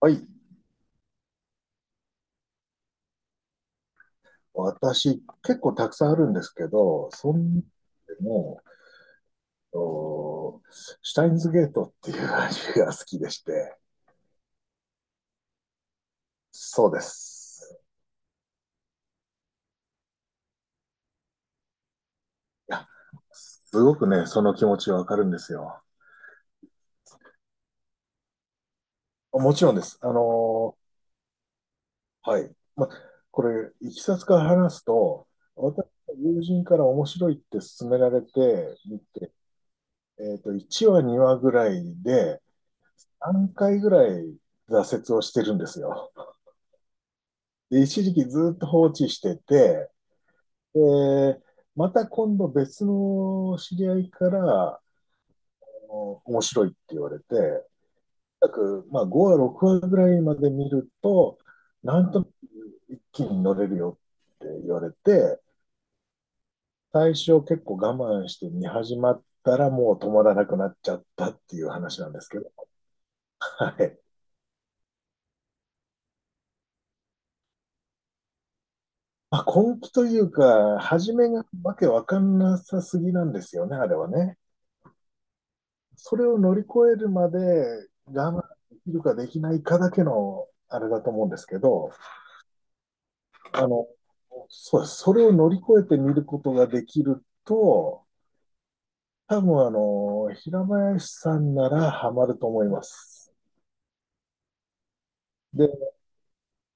はい。私、結構たくさんあるんですけど、そんでも、おシュタインズゲートっていう味が好きでして、そうです。いや、すごくね、その気持ちはわかるんですよ。もちろんです。はい。これ、いきさつから話すと、私の友人から面白いって勧められて見て、1話、2話ぐらいで、何回ぐらい挫折をしてるんですよ。で、一時期ずっと放置してて、で、また今度別の知り合いから、あの面白いって言われて、約、5話、6話ぐらいまで見ると、なんと一気に乗れるよって言われて、最初結構我慢して見始まったらもう止まらなくなっちゃったっていう話なんですけど、はい。まあ、根気というか、初めがわけわかんなさすぎなんですよね、あれはね。それを乗り越えるまで我慢できるかできないかだけのあれだと思うんですけど、あの、そうです。それを乗り越えてみることができると、多分、平林さんならハマると思います。で、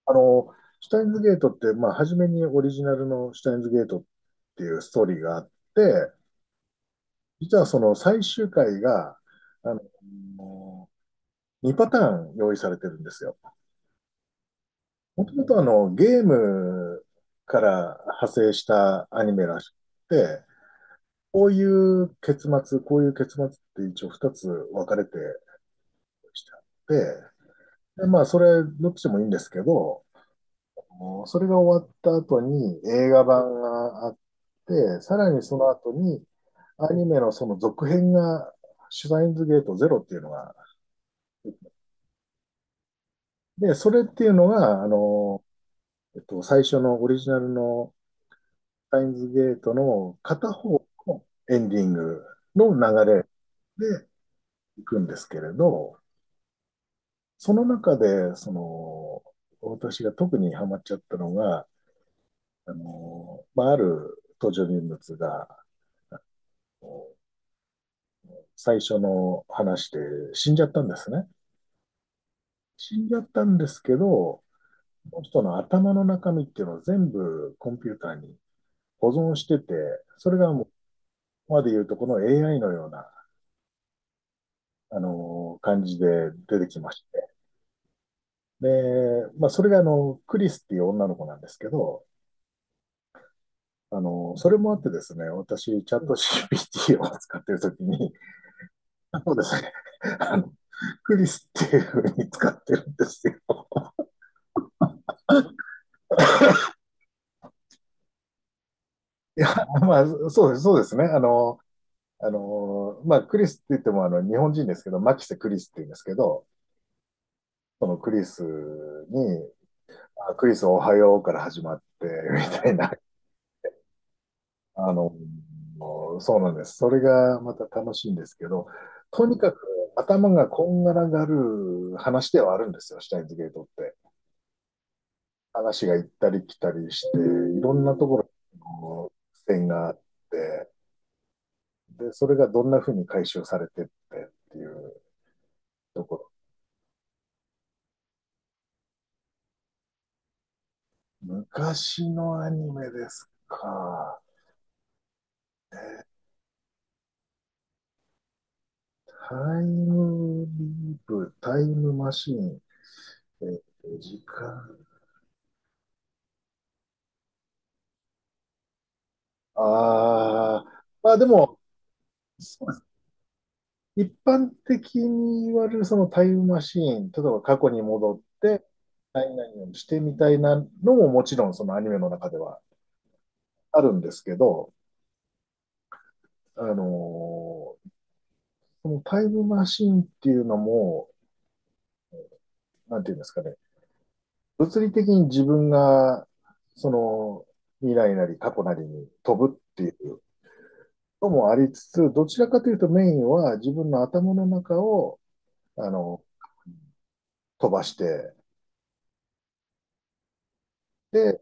あの、シュタインズゲートって、まあ、初めにオリジナルのシュタインズゲートっていうストーリーがあって、実はその最終回が、あの、2パターン用意されてるんですよ。もともと、ゲームから派生したアニメらしくて、こういう結末、こういう結末って一応二つ分かれてきてあって、でまあ、それ、どっちでもいいんですけど、もうそれが終わった後に映画版があって、さらにその後にアニメのその続編が、シュタインズゲートゼロっていうのが、で、それっていうのが、最初のオリジナルのタインズゲートの片方のエンディングの流れで行くんですけれど、その中で、私が特にハマっちゃったのが、ある登場人物が、最初の話で死んじゃったんですね。死んじゃったんですけど、その人の頭の中身っていうのを全部コンピューターに保存してて、それがもう、ここまで言うとこの AI のような、感じで出てきまして、で、まあ、それがあの、クリスっていう女の子なんですけど、あの、それもあってですね、私、チャット GPT を使ってるときに、そうですね、あの、クリスっていうふうに使ってるんですよ。いや、まあ、そうです、そうですね。クリスって言っても、日本人ですけど、マキセクリスって言うんですけど、そのクリスに、あクリスおはようから始まって、みたいなあの、そうなんです。それがまた楽しいんですけど、とにかく頭がこんがらがる話ではあるんですよ、シュタインズゲートって。話が行ったり来たりして、いろんなところの線があって、で、それがどんな風に回収されてってっていうところ。昔のアニメですか。タイムリープ、タイムマシーン、えー時間。ああ、まあでも、一般的に言われるそのタイムマシーン、例えば過去に戻って何々をしてみたいなのももちろんそのアニメの中ではあるんですけど、あのーそのタイムマシーンっていうのも、なんていうんですかね、物理的に自分がその未来なり過去なりに飛ぶっていうのもありつつ、どちらかというとメインは自分の頭の中をあの飛ばして、で、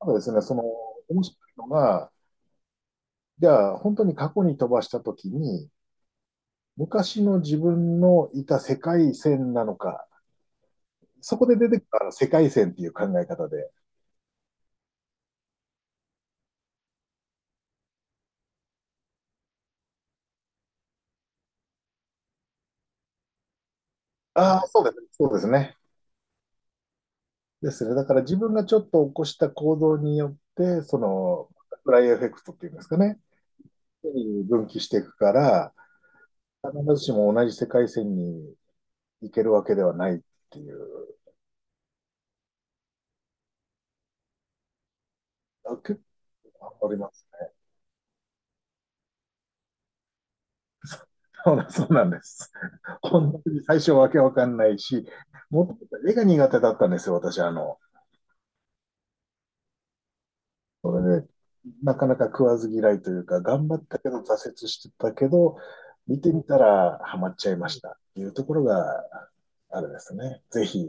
ただですね、その面白いのが、じゃあ、本当に過去に飛ばしたときに、昔の自分のいた世界線なのか、そこで出てきた世界線っていう考え方で、ああ、そうですね、そうですね。ですね。だから自分がちょっと起こした行動によって、フライエフェクトっていうんですかね、分岐していくから、必ずしも同じ世界線に行けるわけではないっていう、結構あります。そうだそうなんです。本当に最初わけわかんないし、もともと絵が苦手だったんですよ、私。それで、なかなか食わず嫌いというか、頑張ったけど挫折してたけど、見てみたらハマっちゃいましたっていうところがあれですね。ぜひ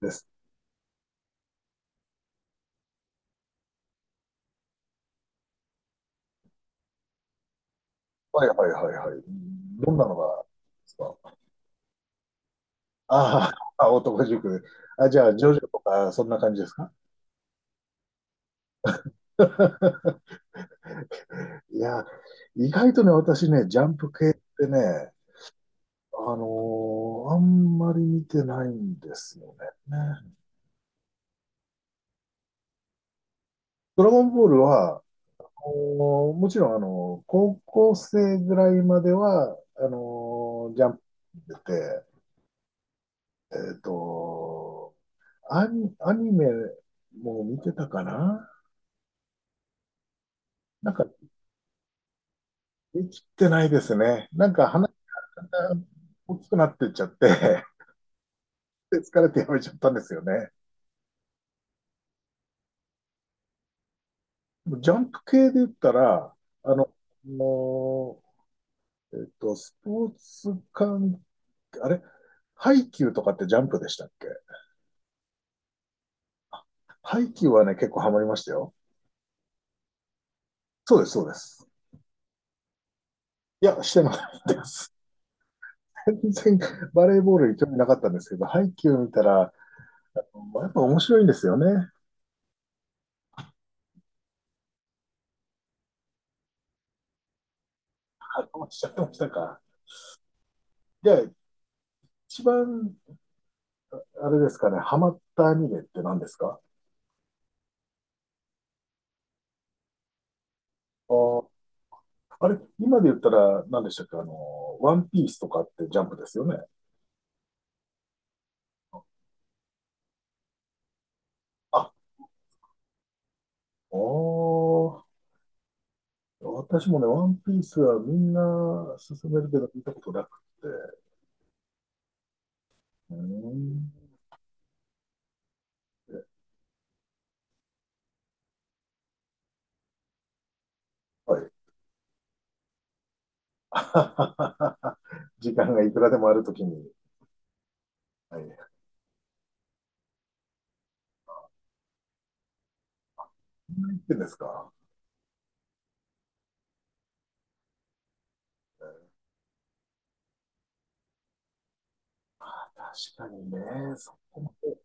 です。はいはいはいはい。どんなのがですか？ああ、男塾。あ、じゃあ、ジョジョとか、そんな感じですか？ いや、意外とね、私ね、ジャンプ系ってね、あのあんまり見てないんですよね。ドラゴンボールは、もちろん、高校生ぐらいまでは、ジャンプ出て、えっと、アニメも見てたかな。なんか、できてないですね。なんか話が大きくなってっちゃって、で疲れてやめちゃったんですよね。ジャンプ系で言ったら、あの、もうえっと、スポーツ関係、ハイキューとかってジャンプでしたっけ？ハイキューはね、結構ハマりましたよ。そうです、そうです。いや、してないです。全然バレーボールに興味なかったんですけど、ハイキュー見たら、やっぱ面白いんですよね。ハマっちゃってましたか。で、一番、あれですかね、ハマったアニメって何ですか？あー、あれ、今で言ったら何でしたっけ、あの、ワンピースとかってジャンプですよね。あ、おー。私もね、ワンピースはみんな勧めるけど見たことなくて。うーん。はい。時間がいくらでもあるときに。はい。何言ってんですか。確かにね、そこまで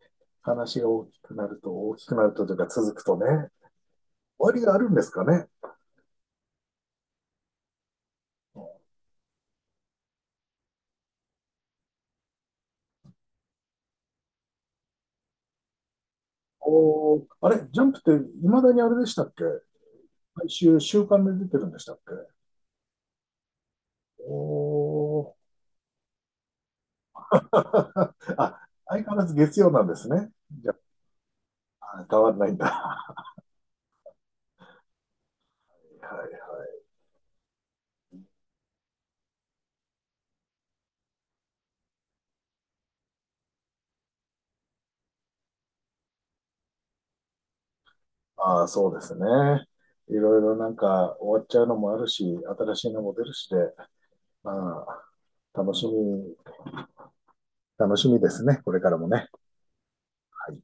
話が大きくなると、大きくなるとというか続くとね、終わりがあるんですかね。おー、あれ、ジャンプって未だにあれでしたっけ？毎週週刊で出てるんでしたっけ？おー。あ、相変わらず月曜なんですね。じゃあ、変わらないんだ。はいはい。ああ、そうですね。いろいろなんか終わっちゃうのもあるし、新しいのも出るしで、まあ、楽しみ、楽しみですね。これからもね。はい。